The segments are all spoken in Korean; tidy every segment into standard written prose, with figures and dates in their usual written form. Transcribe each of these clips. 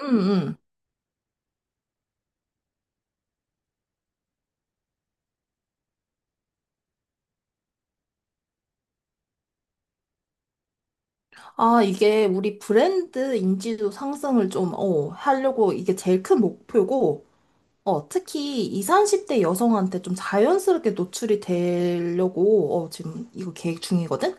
음, 음. 아, 이게 우리 브랜드 인지도 상승을 좀, 하려고 이게 제일 큰 목표고, 특히 20, 30대 여성한테 좀 자연스럽게 노출이 되려고, 지금 이거 계획 중이거든?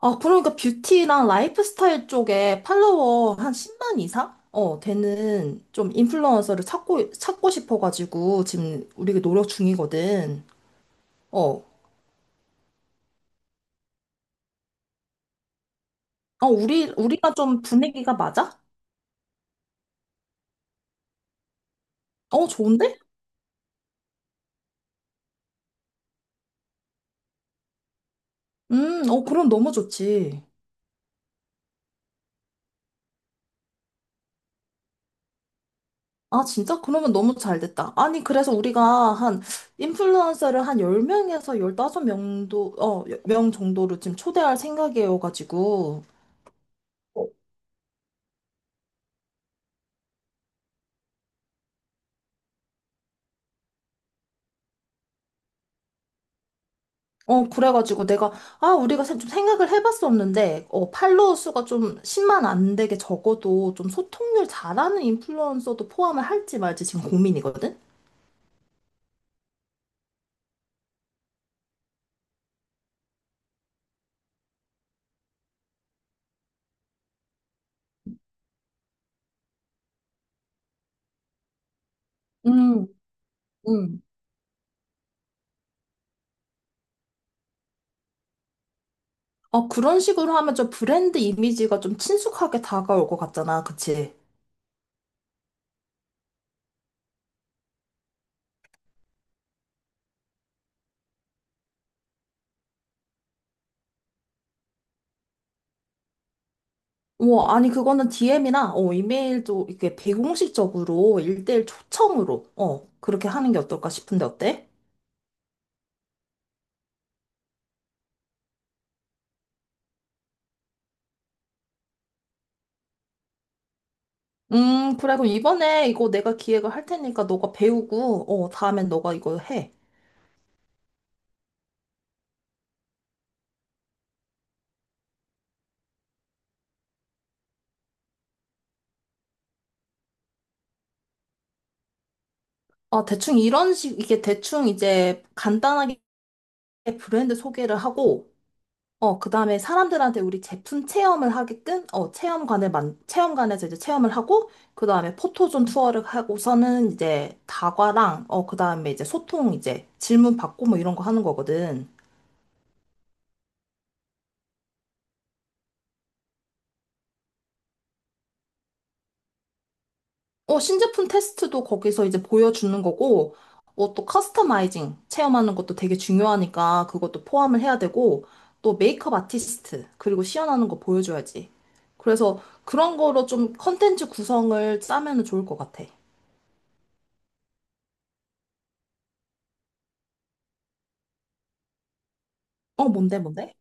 아, 그러니까 뷰티랑 라이프스타일 쪽에 팔로워 한 10만 이상? 되는 좀 인플루언서를 찾고 싶어가지고, 지금 우리가 노력 중이거든. 어, 우리가 좀 분위기가 맞아? 좋은데? 그럼 너무 좋지. 아, 진짜? 그러면 너무 잘 됐다. 아니, 그래서 우리가 인플루언서를 한 10명에서 15명도, 명 정도로 지금 초대할 생각이어가지고. 그래가지고 내가. 아, 우리가 좀 생각을 해봤었는데, 팔로워 수가 좀 10만 안 되게 적어도 좀 소통률 잘하는 인플루언서도 포함을 할지 말지 지금 고민이거든? 음, 음. 그런 식으로 하면 좀 브랜드 이미지가 좀 친숙하게 다가올 것 같잖아. 그치? 뭐, 아니, 그거는 DM이나, 이메일도 이렇게 비공식적으로 일대일 초청으로, 그렇게 하는 게 어떨까 싶은데, 어때? 그래, 그럼 이번에 이거 내가 기획을 할 테니까 너가 배우고, 다음엔 너가 이거 해. 아, 대충 이게 대충 이제 간단하게 브랜드 소개를 하고, 그 다음에 사람들한테 우리 제품 체험을 하게끔, 체험관을 체험관에서 이제 체험을 하고, 그 다음에 포토존 투어를 하고서는 이제 다과랑, 그 다음에 이제 소통 이제 질문 받고 뭐 이런 거 하는 거거든. 신제품 테스트도 거기서 이제 보여주는 거고, 또 커스터마이징 체험하는 것도 되게 중요하니까 그것도 포함을 해야 되고, 또 메이크업 아티스트, 그리고 시연하는 거 보여줘야지. 그래서 그런 거로 좀 컨텐츠 구성을 짜면은 좋을 것 같아. 뭔데, 뭔데?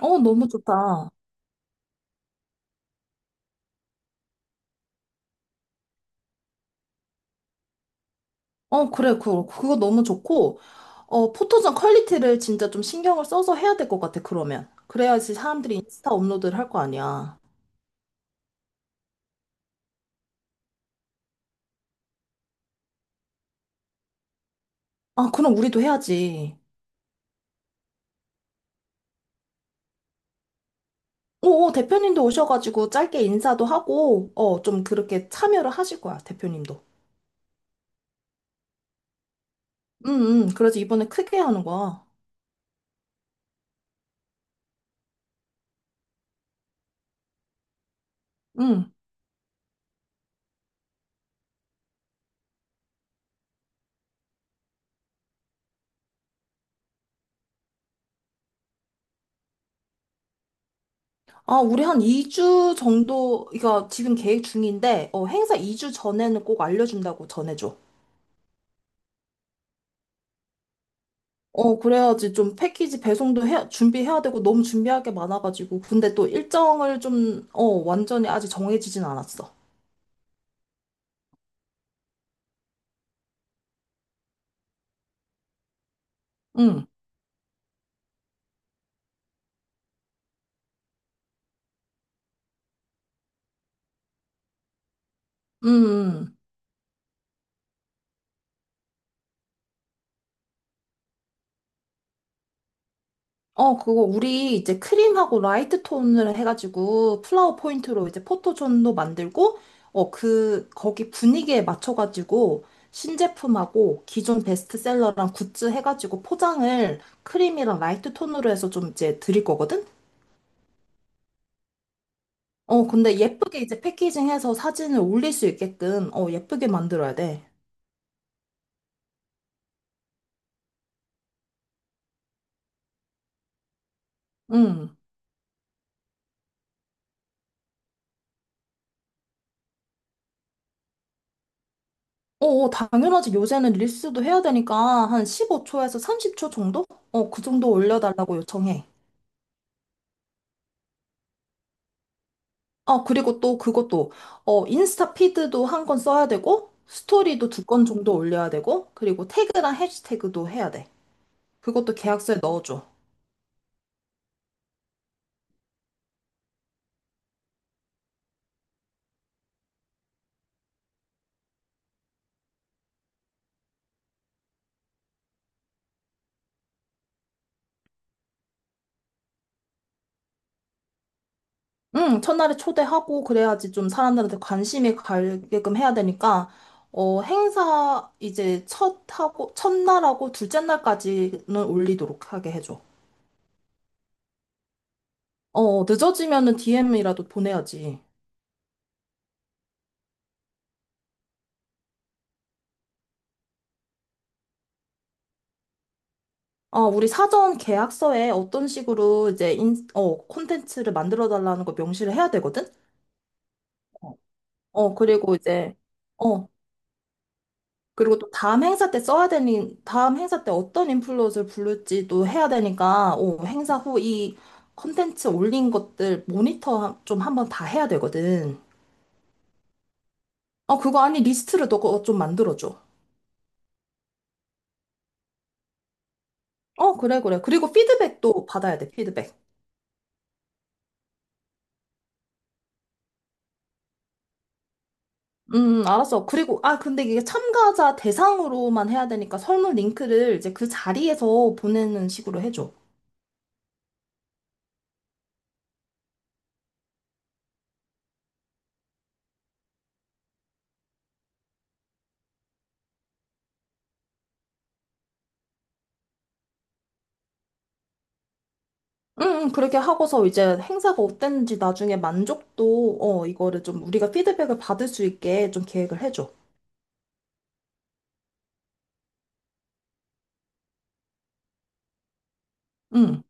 너무 좋다. 그래, 그거 너무 좋고, 포토존 퀄리티를 진짜 좀 신경을 써서 해야 될 것 같아, 그러면. 그래야지 사람들이 인스타 업로드를 할 거 아니야. 아, 그럼 우리도 해야지. 오, 오, 대표님도 오셔가지고 짧게 인사도 하고, 좀 그렇게 참여를 하실 거야, 대표님도. 응, 응. 그래서 이번에 크게 하는 거야. 응. 아, 우리 한 2주 정도, 이거 지금 계획 중인데, 행사 2주 전에는 꼭 알려준다고 전해줘. 그래야지 좀 패키지 배송도 해, 준비해야 되고 너무 준비할 게 많아가지고. 근데 또 일정을 좀, 완전히 아직 정해지진 않았어. 응, 응, 응. 그거 우리 이제 크림하고 라이트 톤을 해가지고 플라워 포인트로 이제 포토존도 만들고, 거기 분위기에 맞춰가지고 신제품하고 기존 베스트셀러랑 굿즈 해가지고 포장을 크림이랑 라이트 톤으로 해서 좀 이제 드릴 거거든? 근데 예쁘게 이제 패키징해서 사진을 올릴 수 있게끔, 예쁘게 만들어야 돼. 응. 당연하지. 요새는 릴스도 해야 되니까 한 15초에서 30초 정도? 그 정도 올려달라고 요청해. 아, 그리고 또 그것도, 인스타 피드도 한 건 써야 되고, 스토리도 두 건 정도 올려야 되고, 그리고 태그랑 해시태그도 해야 돼. 그것도 계약서에 넣어줘. 응, 첫날에 초대하고 그래야지 좀 사람들한테 관심이 가게끔 해야 되니까, 행사 이제 첫날하고 둘째 날까지는 올리도록 하게 해줘. 늦어지면은 DM이라도 보내야지. 우리 사전 계약서에 어떤 식으로 이제 콘텐츠를 만들어 달라는 거 명시를 해야 되거든? 어, 그리고 이제, 어, 그리고 또 다음 행사 때 써야 되니, 다음 행사 때 어떤 인플루언서를 부를지도 해야 되니까, 행사 후 이 컨텐츠 올린 것들 모니터 좀 한번 다 해야 되거든. 그거 아니, 리스트를 너가 좀 만들어줘. 그래, 그래. 그리고 피드백도 받아야 돼, 피드백. 알았어. 그리고, 아, 근데 이게 참가자 대상으로만 해야 되니까 설문 링크를 이제 그 자리에서 보내는 식으로 해줘. 응, 응, 그렇게 하고서 이제 행사가 어땠는지 나중에 만족도, 이거를 좀 우리가 피드백을 받을 수 있게 좀 계획을 해줘. 응.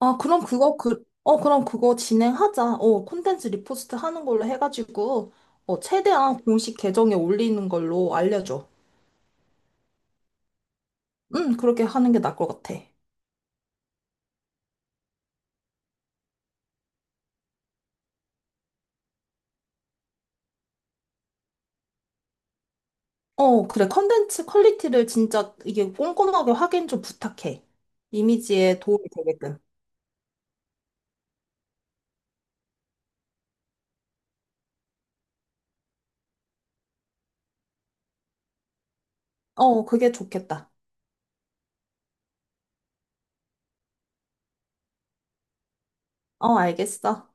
아, 그럼 그거 진행하자. 콘텐츠 리포스트 하는 걸로 해가지고, 최대한 공식 계정에 올리는 걸로 알려줘. 응, 그렇게 하는 게 나을 것 같아. 그래. 콘텐츠 퀄리티를 진짜 이게 꼼꼼하게 확인 좀 부탁해. 이미지에 도움이 되게끔. 그게 좋겠다. 알겠어.